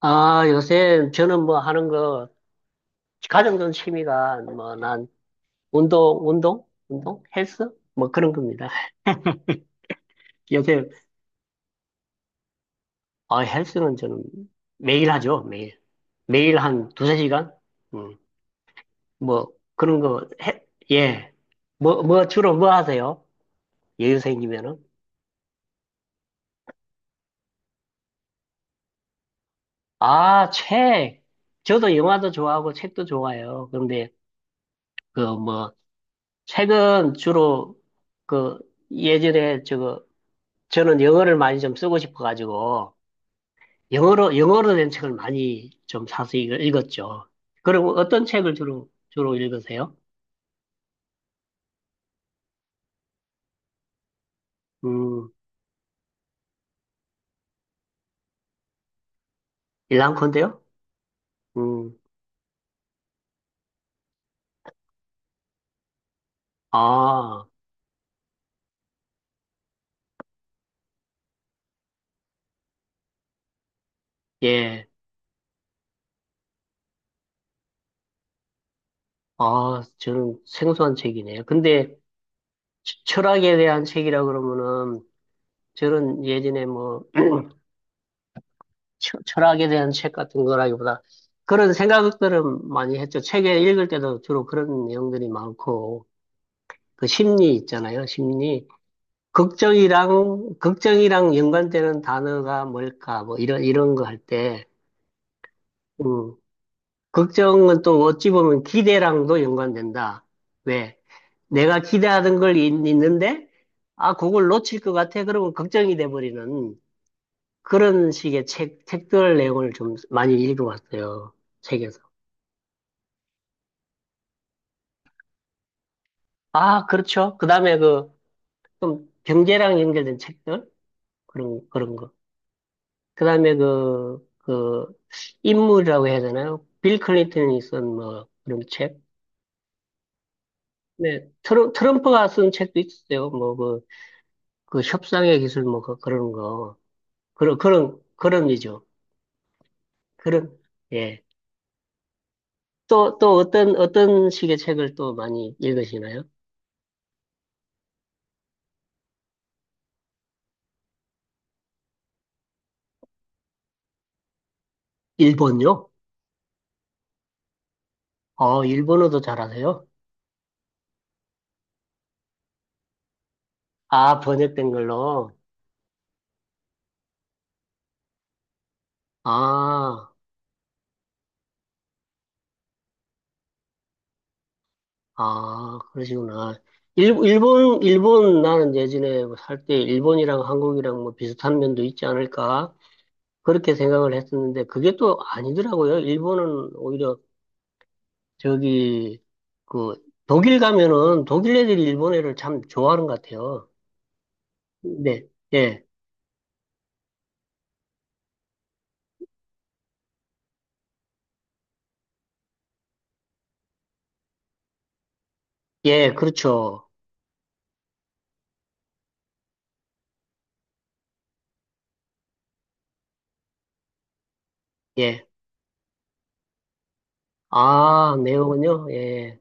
아, 요새 저는 뭐 하는 거, 가장 취미가 뭐 난 운동, 운동? 운동? 헬스? 뭐 그런 겁니다. 요새, 아, 헬스는 저는 매일 하죠, 매일. 매일 한 두세 시간? 음, 뭐 그런 거, 해, 예. 뭐 주로 뭐 하세요? 여유 생기면은? 아, 책. 저도 영화도 좋아하고 책도 좋아해요. 그런데 그 뭐, 책은 주로 그 예전에 저거 저는 영어를 많이 좀 쓰고 싶어가지고 영어로 된 책을 많이 좀 사서 읽었죠. 그리고 어떤 책을 주로 읽으세요? 음, 일랑콘데요? 음, 아, 예, 아, 저는 생소한 책이네요. 근데 철학에 대한 책이라 그러면은 저는 예전에 뭐 철학에 대한 책 같은 거라기보다 그런 생각들은 많이 했죠. 책에 읽을 때도 주로 그런 내용들이 많고 그 심리 있잖아요, 심리. 걱정이랑 연관되는 단어가 뭘까? 뭐, 이런 거 할 때, 음, 걱정은 또 어찌 보면 기대랑도 연관된다. 왜? 내가 기대하던 걸 있, 는데 아, 그걸 놓칠 것 같아. 그러면 걱정이 돼버리는 그런 식의 책들 내용을 좀 많이 읽어봤어요. 책에서. 아, 그렇죠. 그 다음에 그, 좀 경제랑 연결된 책들? 그런 거. 그다음에 그, 인물이라고 해야 되나요? 빌 클린턴이 쓴 뭐, 그런 책. 네, 트럼프가 쓴 책도 있었어요. 뭐, 그, 그 협상의 기술 뭐, 그, 그런 거. 그런 이죠. 그런, 예. 또, 또 어떤 식의 책을 또 많이 읽으시나요? 일본요? 어, 일본어도 잘하세요? 아, 번역된 걸로. 아. 아, 그러시구나. 일본, 나는 예전에 살 때 일본이랑 한국이랑 뭐 비슷한 면도 있지 않을까? 그렇게 생각을 했었는데 그게 또 아니더라고요. 일본은 오히려 저기, 그, 독일 가면은 독일 애들이 일본 애를 참 좋아하는 것 같아요. 네, 예, 예, 그렇죠. 예. 아, 내용은요 예,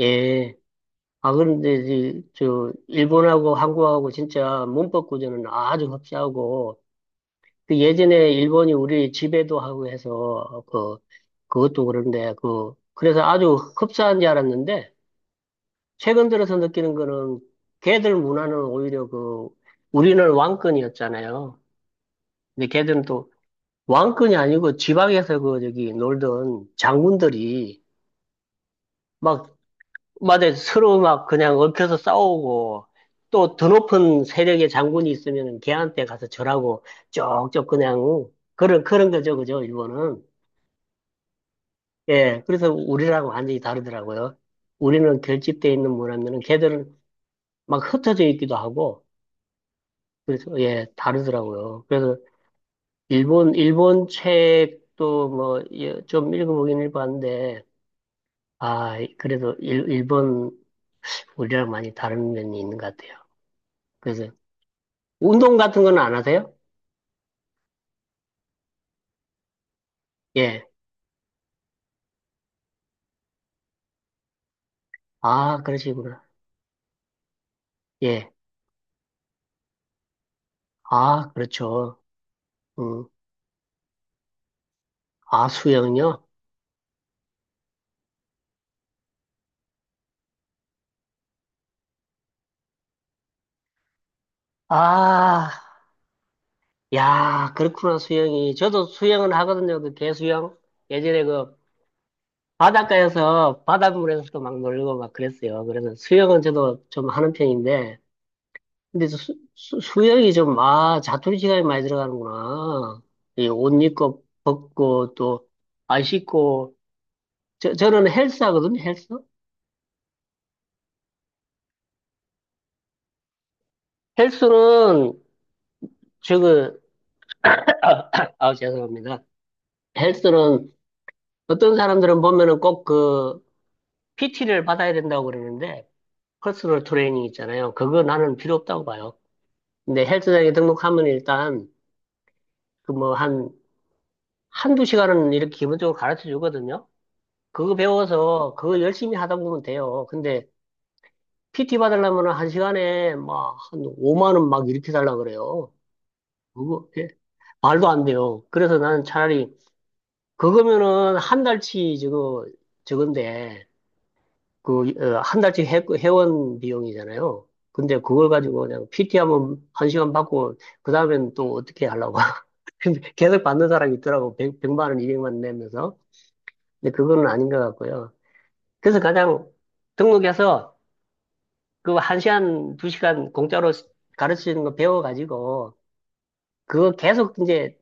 예. 아, 그런데, 저, 일본하고 한국하고 진짜 문법 구조는 아주 흡사하고, 그 예전에 일본이 우리 지배도 하고 해서 그 그것도 그런데 그 그래서 아주 흡사한 줄 알았는데 최근 들어서 느끼는 거는 걔들 문화는 오히려 그 우리는 왕권이었잖아요. 근데 걔들은 또 왕권이 아니고 지방에서 그 저기 놀던 장군들이 막 마다 서로 막 그냥 얽혀서 싸우고 또 더 높은 세력의 장군이 있으면 걔한테 가서 절하고 쪽쪽 그냥 그런 거죠, 그죠, 일본은. 예, 그래서 우리라고 완전히 다르더라고요. 우리는 결집돼 있는 문화면은 걔들은 막 흩어져 있기도 하고, 그래서 예, 다르더라고요. 그래서 일본 책도 뭐, 예, 좀 읽어보긴 읽어봤는데, 아, 그래도 일본, 우리랑 많이 다른 면이 있는 것 같아요. 그래서 운동 같은 건 안 하세요? 예. 아, 그러시구나. 예. 아, 그렇죠. 음. 아, 수영요? 아, 야, 그렇구나, 수영이. 저도 수영은 하거든요, 그 개수영. 예전에 그 바닷가에서, 바닷물에서도 막 놀고 막 그랬어요. 그래서 수영은 저도 좀 하는 편인데, 근데 수영이 좀, 아, 자투리 시간이 많이 들어가는구나. 이 옷 입고, 벗고, 또, 안 씻고. 저는 헬스 하거든요, 헬스? 헬스는, 저거, 아, 아, 죄송합니다. 헬스는 어떤 사람들은 보면은 꼭 그, PT를 받아야 된다고 그러는데, 퍼스널 트레이닝 있잖아요. 그거 나는 필요 없다고 봐요. 근데 헬스장에 등록하면 일단 그 뭐 한, 한두 시간은 이렇게 기본적으로 가르쳐 주거든요. 그거 배워서 그거 열심히 하다 보면 돼요. 근데 PT 받으려면 한 시간에 막 한 5만 원 막 이렇게 달라 그래요. 그거 예, 말도 안 돼요. 그래서 나는 차라리 그거면은 한 달치 저거 저건데 그, 어, 한 달치 회원 비용이잖아요. 근데 그걸 가지고 그냥 PT 하면 한 시간 받고, 그 다음엔 또 어떻게 하려고. 근데 계속 받는 사람이 있더라고. 100, 만 원, 200만 원 내면서. 근데 그거는 아닌 것 같고요. 그래서 가장 등록해서 그 한 시간, 두 시간 공짜로 가르치는 거 배워가지고, 그거 계속 이제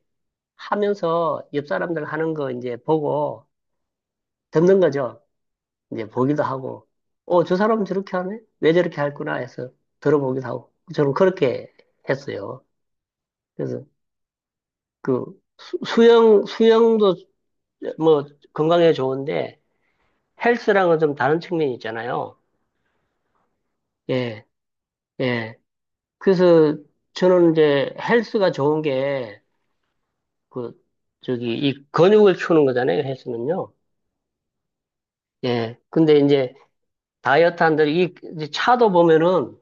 하면서 옆 사람들 하는 거 이제 보고 듣는 거죠. 이제 보기도 하고, 어, 저 사람 저렇게 하네? 왜 저렇게 할구나 해서 들어보기도 하고, 저는 그렇게 했어요. 그래서 그 수영, 수영도 뭐 건강에 좋은데 헬스랑은 좀 다른 측면이 있잖아요. 예, 예. 그래서 저는 이제 헬스가 좋은 게 그, 저기 이 근육을 키우는 거잖아요. 헬스는요. 예. 근데 이제 다이어트 한들 이 이제 차도 보면은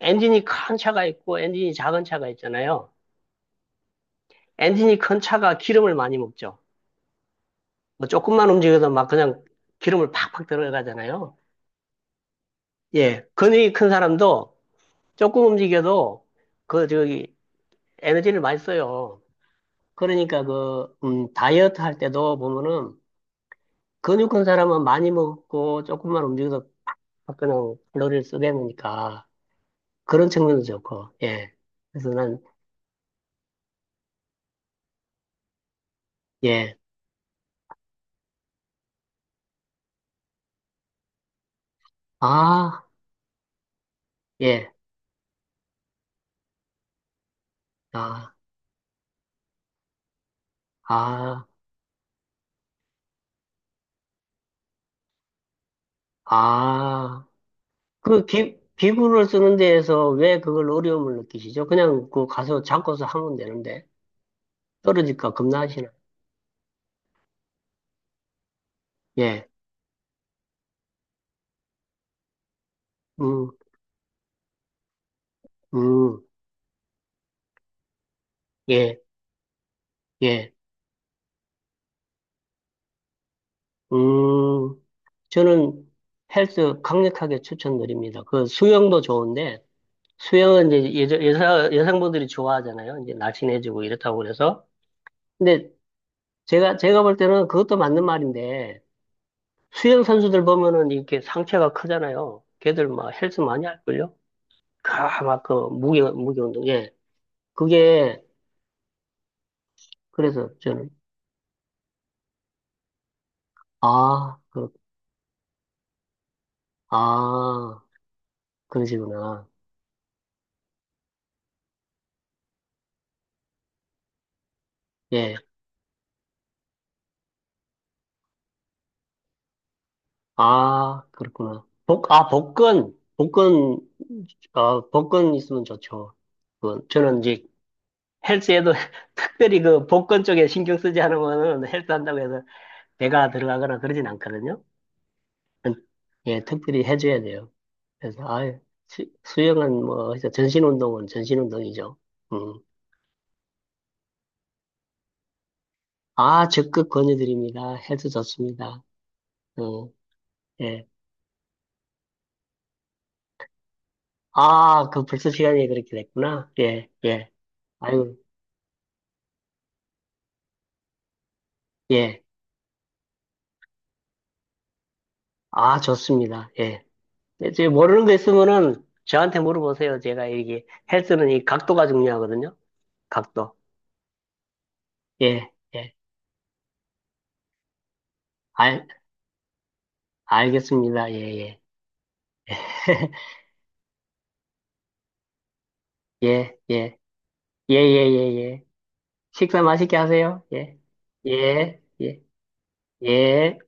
엔진이 큰 차가 있고 엔진이 작은 차가 있잖아요. 엔진이 큰 차가 기름을 많이 먹죠. 뭐 조금만 움직여서 막 그냥 기름을 팍팍 들어가잖아요. 예, 근육이 큰 사람도 조금 움직여도 그 저기 에너지를 많이 써요. 그러니까 그 다이어트 할 때도 보면은 근육 큰 사람은 많이 먹고 조금만 움직여서 막 그냥 칼로리를 쓰게 되니까 그런 측면도 좋고 예. 그래서 난 예, 아, 예, 아, 아, 아. 그 기구를 쓰는 데에서 왜 그걸 어려움을 느끼시죠? 그냥 그 가서 잡고서 하면 되는데 떨어질까 겁나시나? 예, 음, 음, 예, 예, 음. 저는 헬스 강력하게 추천드립니다. 그 수영도 좋은데 수영은 이제 여자, 여성분들이 좋아하잖아요. 이제 날씬해지고 이렇다고 그래서. 근데 제가 볼 때는 그것도 맞는 말인데 수영 선수들 보면은 이렇게 상체가 크잖아요. 걔들 막 헬스 많이 할걸요? 가, 막, 그, 무게 운동, 예. 그게, 그래서 저는, 아, 그, 아, 그러시구나. 예. 아, 그렇구나. 복, 아, 복근, 어, 복근 있으면 좋죠. 그, 저는 이제 헬스에도 특별히 그 복근 쪽에 신경 쓰지 않으면은 헬스 한다고 해서 배가 들어가거나 그러진 않거든요. 음, 예, 특별히 해줘야 돼요. 그래서, 아 수영은 뭐, 해서 전신 운동은 전신 운동이죠. 아, 적극 권유드립니다. 해도 좋습니다. 어, 예. 아, 그 벌써 시간이 그렇게 됐구나. 예, 예. 아유, 예. 아, 좋습니다. 예. 이제 모르는 거 있으면은 저한테 물어보세요. 제가 이게 헬스는 이 각도가 중요하거든요. 각도. 예, 예. 알, 알겠습니다. 예, 예. 예, 예. 예, 예, 예, 예. 식사 맛있게 하세요. 예, 예, 예, 예.